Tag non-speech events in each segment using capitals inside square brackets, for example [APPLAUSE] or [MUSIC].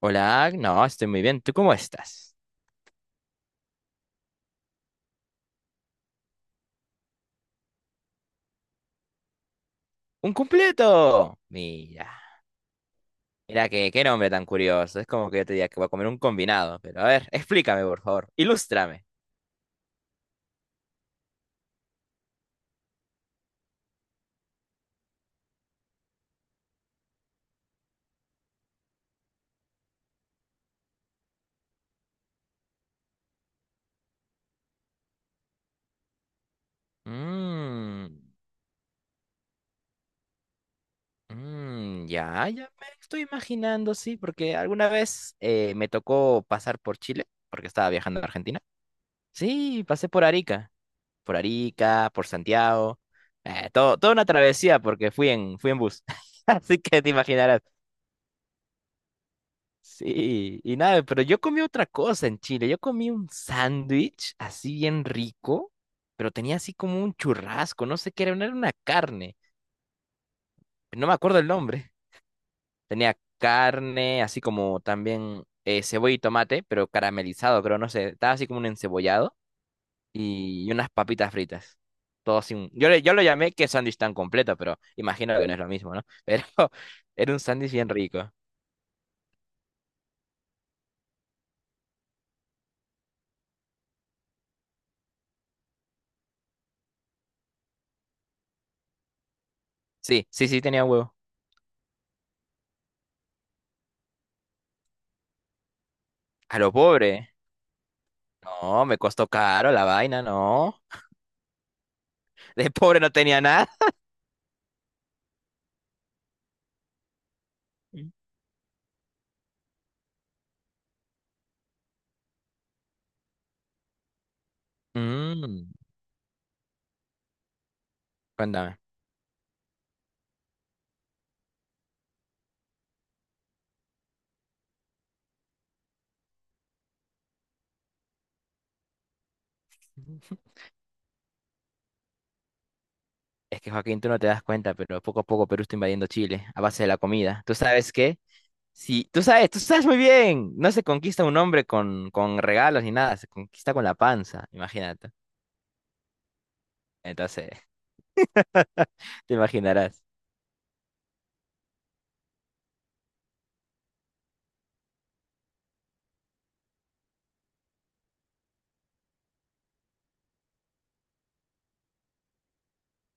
Hola, no, estoy muy bien. ¿Tú cómo estás? ¡Un completo! Mira qué nombre tan curioso. Es como que yo te diga que voy a comer un combinado. Pero a ver, explícame, por favor. Ilústrame. Mmm, ya, ya me estoy imaginando, sí, porque alguna vez me tocó pasar por Chile, porque estaba viajando a Argentina. Sí, pasé por Arica, por Arica, por Santiago. Toda una travesía porque fui en bus. [LAUGHS] Así que te imaginarás. Sí, y nada, pero yo comí otra cosa en Chile. Yo comí un sándwich así bien rico, pero tenía así como un churrasco, no sé qué era, no era una carne, no me acuerdo el nombre. Tenía carne, así como también cebolla y tomate, pero caramelizado, creo, no sé, estaba así como un encebollado y unas papitas fritas. Todo sin... Yo lo llamé que sándwich tan completo, pero imagino que no es lo mismo, ¿no? Pero [LAUGHS] era un sándwich bien rico. Sí, sí, sí, tenía huevo. A lo pobre. No, me costó caro la vaina, no. [LAUGHS] De pobre no tenía nada. Mm, cuéntame. Es que Joaquín, tú no te das cuenta, pero poco a poco Perú está invadiendo Chile a base de la comida. ¿Tú sabes qué? Sí, tú sabes muy bien. No se conquista un hombre con regalos ni nada, se conquista con la panza, imagínate. Entonces, [LAUGHS] te imaginarás.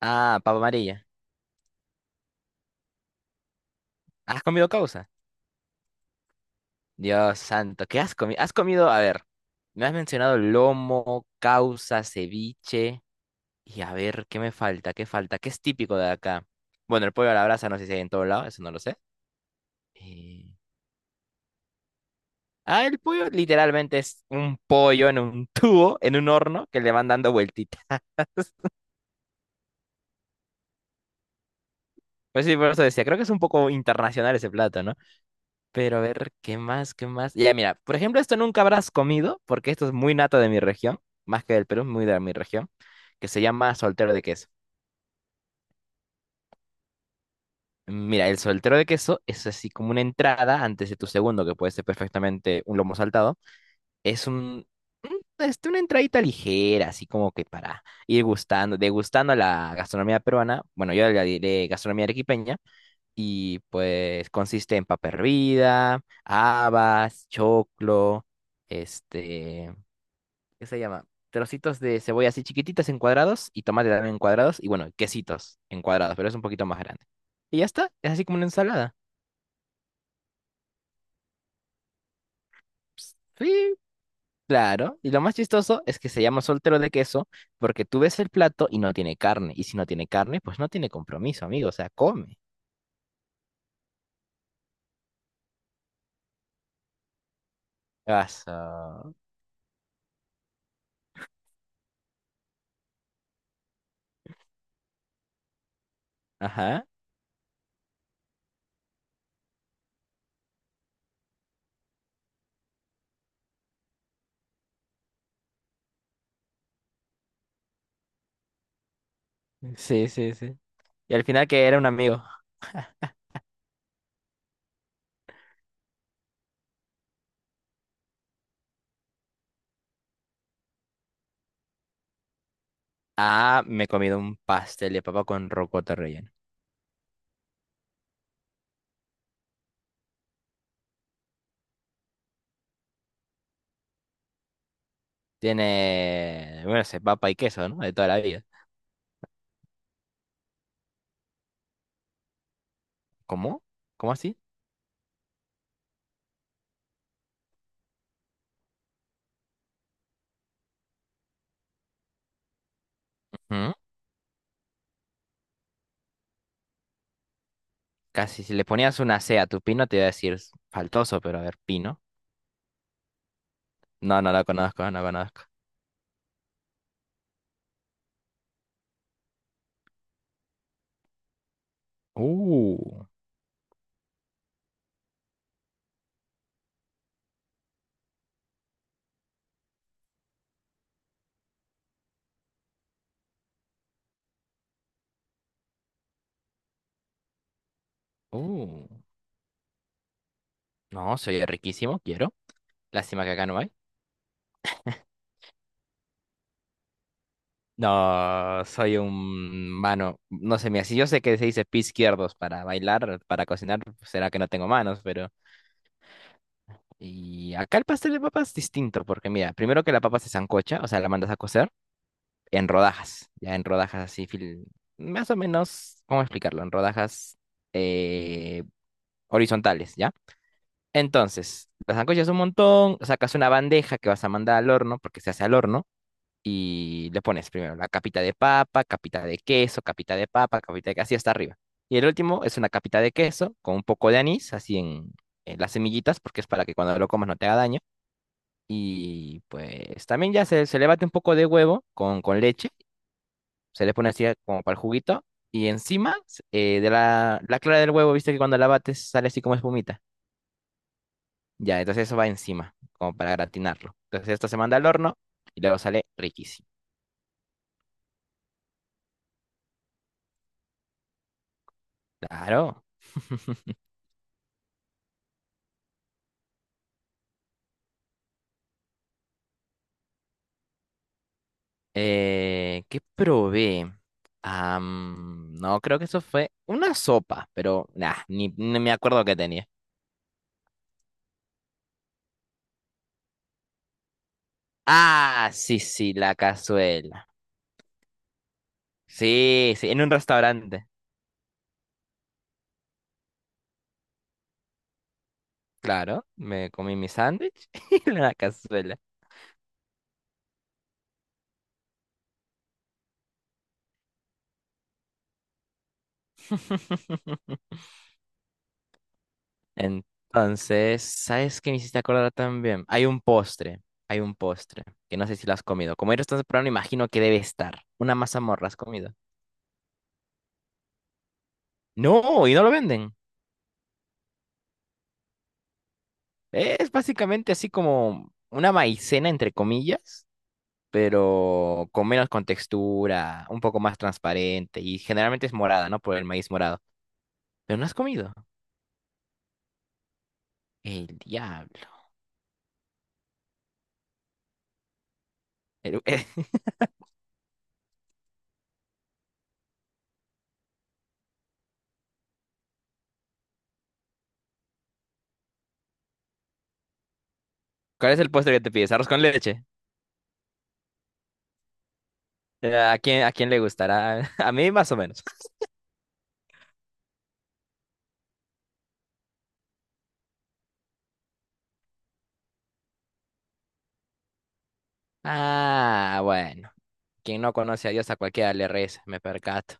Ah, papa amarilla. ¿Has comido causa? Dios santo, ¿qué has comido? ¿Has comido? A ver, me has mencionado lomo, causa, ceviche. Y a ver, ¿qué me falta? ¿Qué falta? ¿Qué es típico de acá? Bueno, el pollo a la brasa no sé si hay en todo lado, eso no lo sé. Eh, Ah, el pollo literalmente es un pollo en un [LAUGHS] tubo, en un horno, que le van dando vueltitas. [LAUGHS] Pues sí, por eso decía, creo que es un poco internacional ese plato, ¿no? Pero a ver, ¿qué más? ¿Qué más? Ya, mira, por ejemplo, esto nunca habrás comido, porque esto es muy nato de mi región, más que del Perú, muy de mi región, que se llama soltero de queso. Mira, el soltero de queso es así como una entrada antes de tu segundo, que puede ser perfectamente un lomo saltado. Es un, este, una entradita ligera, así como que para ir gustando, degustando la gastronomía peruana. Bueno, yo la diré gastronomía arequipeña. Y pues consiste en papa hervida, habas, choclo, este, ¿qué se llama? Trocitos de cebolla así chiquititas en cuadrados y tomate también en cuadrados. Y bueno, quesitos en cuadrados, pero es un poquito más grande. Y ya está, es así como una ensalada. Pues, sí, claro, y lo más chistoso es que se llama soltero de queso porque tú ves el plato y no tiene carne, y si no tiene carne, pues no tiene compromiso, amigo, o sea, come. Gaso. Ajá. Sí, sí, sí. Y al final que era un amigo. Ah, me he comido un pastel de papa con rocoto relleno. Tiene, bueno, sé, papa y queso, ¿no? De toda la vida. ¿Cómo? ¿Cómo así? Ujú. Casi, si le ponías una C a tu pino, te iba a decir faltoso, pero a ver, pino. No, no lo conozco, no lo conozco. Uh, uh. No, se oye riquísimo, quiero. Lástima que acá no hay. No, soy un mano. No sé, mira, si yo sé que se dice pie izquierdos para bailar, para cocinar, será que no tengo manos, pero. Y acá el pastel de papas es distinto, porque mira, primero que la papa se sancocha, o sea, la mandas a cocer en rodajas, ya en rodajas así, fil- más o menos, ¿cómo explicarlo? En rodajas eh, horizontales, ¿ya? Entonces, las sancochas un montón, sacas una bandeja que vas a mandar al horno, porque se hace al horno. Y le pones primero la capita de papa, capita de queso, capita de papa, capita de queso, así hasta arriba. Y el último es una capita de queso con un poco de anís, así en las semillitas, porque es para que cuando lo comas no te haga daño. Y pues también ya se le bate un poco de huevo con leche, se le pone así como para el juguito. Y encima de la clara del huevo, viste que cuando la bates sale así como espumita. Ya, entonces eso va encima, como para gratinarlo. Entonces esto se manda al horno y luego sale riquísimo. Claro. ¿Qué probé? No, creo que eso fue una sopa, pero nah, ni me acuerdo qué tenía. Ah, sí, sí, la cazuela. Sí, sí, en un restaurante. Claro, me comí mi sándwich [LAUGHS] y la cazuela. [LAUGHS] Entonces, ¿sabes qué me hiciste acordar también? Hay un postre, que no sé si lo has comido. Como eres tan temprano, imagino que debe estar. Una mazamorra, ¿has comido? No, y no lo venden. Es básicamente así como una maicena, entre comillas, pero con menos contextura, un poco más transparente y generalmente es morada, ¿no? Por el maíz morado. Pero no has comido. El diablo. El- [LAUGHS] ¿Cuál es el postre que te pides? ¿Arroz con leche? ¿A quién le gustará? [LAUGHS] A mí más o menos. Ah, bueno. Quien no conoce a Dios a cualquiera le reza, me percato.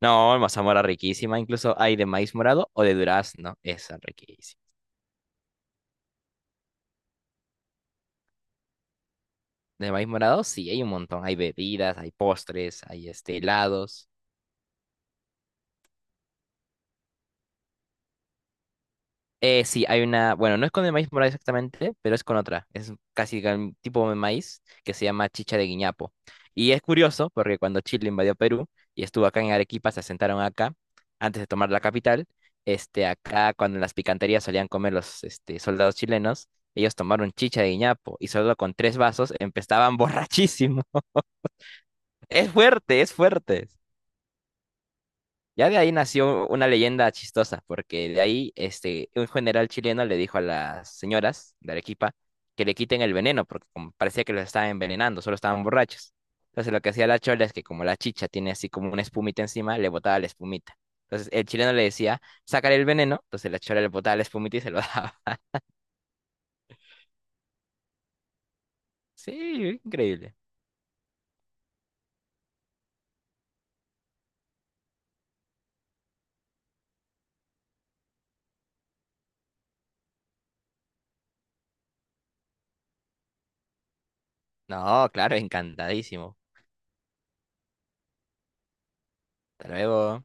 No, mazamorra riquísima, incluso hay de maíz morado o de durazno, esa riquísima. De maíz morado, sí, hay un montón. Hay bebidas, hay postres, hay este, helados. Sí, hay una, bueno, no es con el maíz morado exactamente, pero es con otra. Es casi el tipo de maíz que se llama chicha de guiñapo. Y es curioso porque cuando Chile invadió Perú y estuvo acá en Arequipa, se asentaron acá antes de tomar la capital. Este, acá cuando en las picanterías solían comer los este, soldados chilenos, ellos tomaron chicha de guiñapo y solo con tres vasos empezaban borrachísimo. [LAUGHS] Es fuerte, es fuerte. Ya de ahí nació una leyenda chistosa, porque de ahí este, un general chileno le dijo a las señoras de Arequipa que le quiten el veneno, porque como parecía que los estaban envenenando, solo estaban borrachos. Entonces lo que hacía la chola es que como la chicha tiene así como una espumita encima, le botaba la espumita. Entonces el chileno le decía, sácale el veneno, entonces la chola le botaba la espumita y se lo daba. [LAUGHS] Sí, increíble. No, claro, encantadísimo. Hasta luego.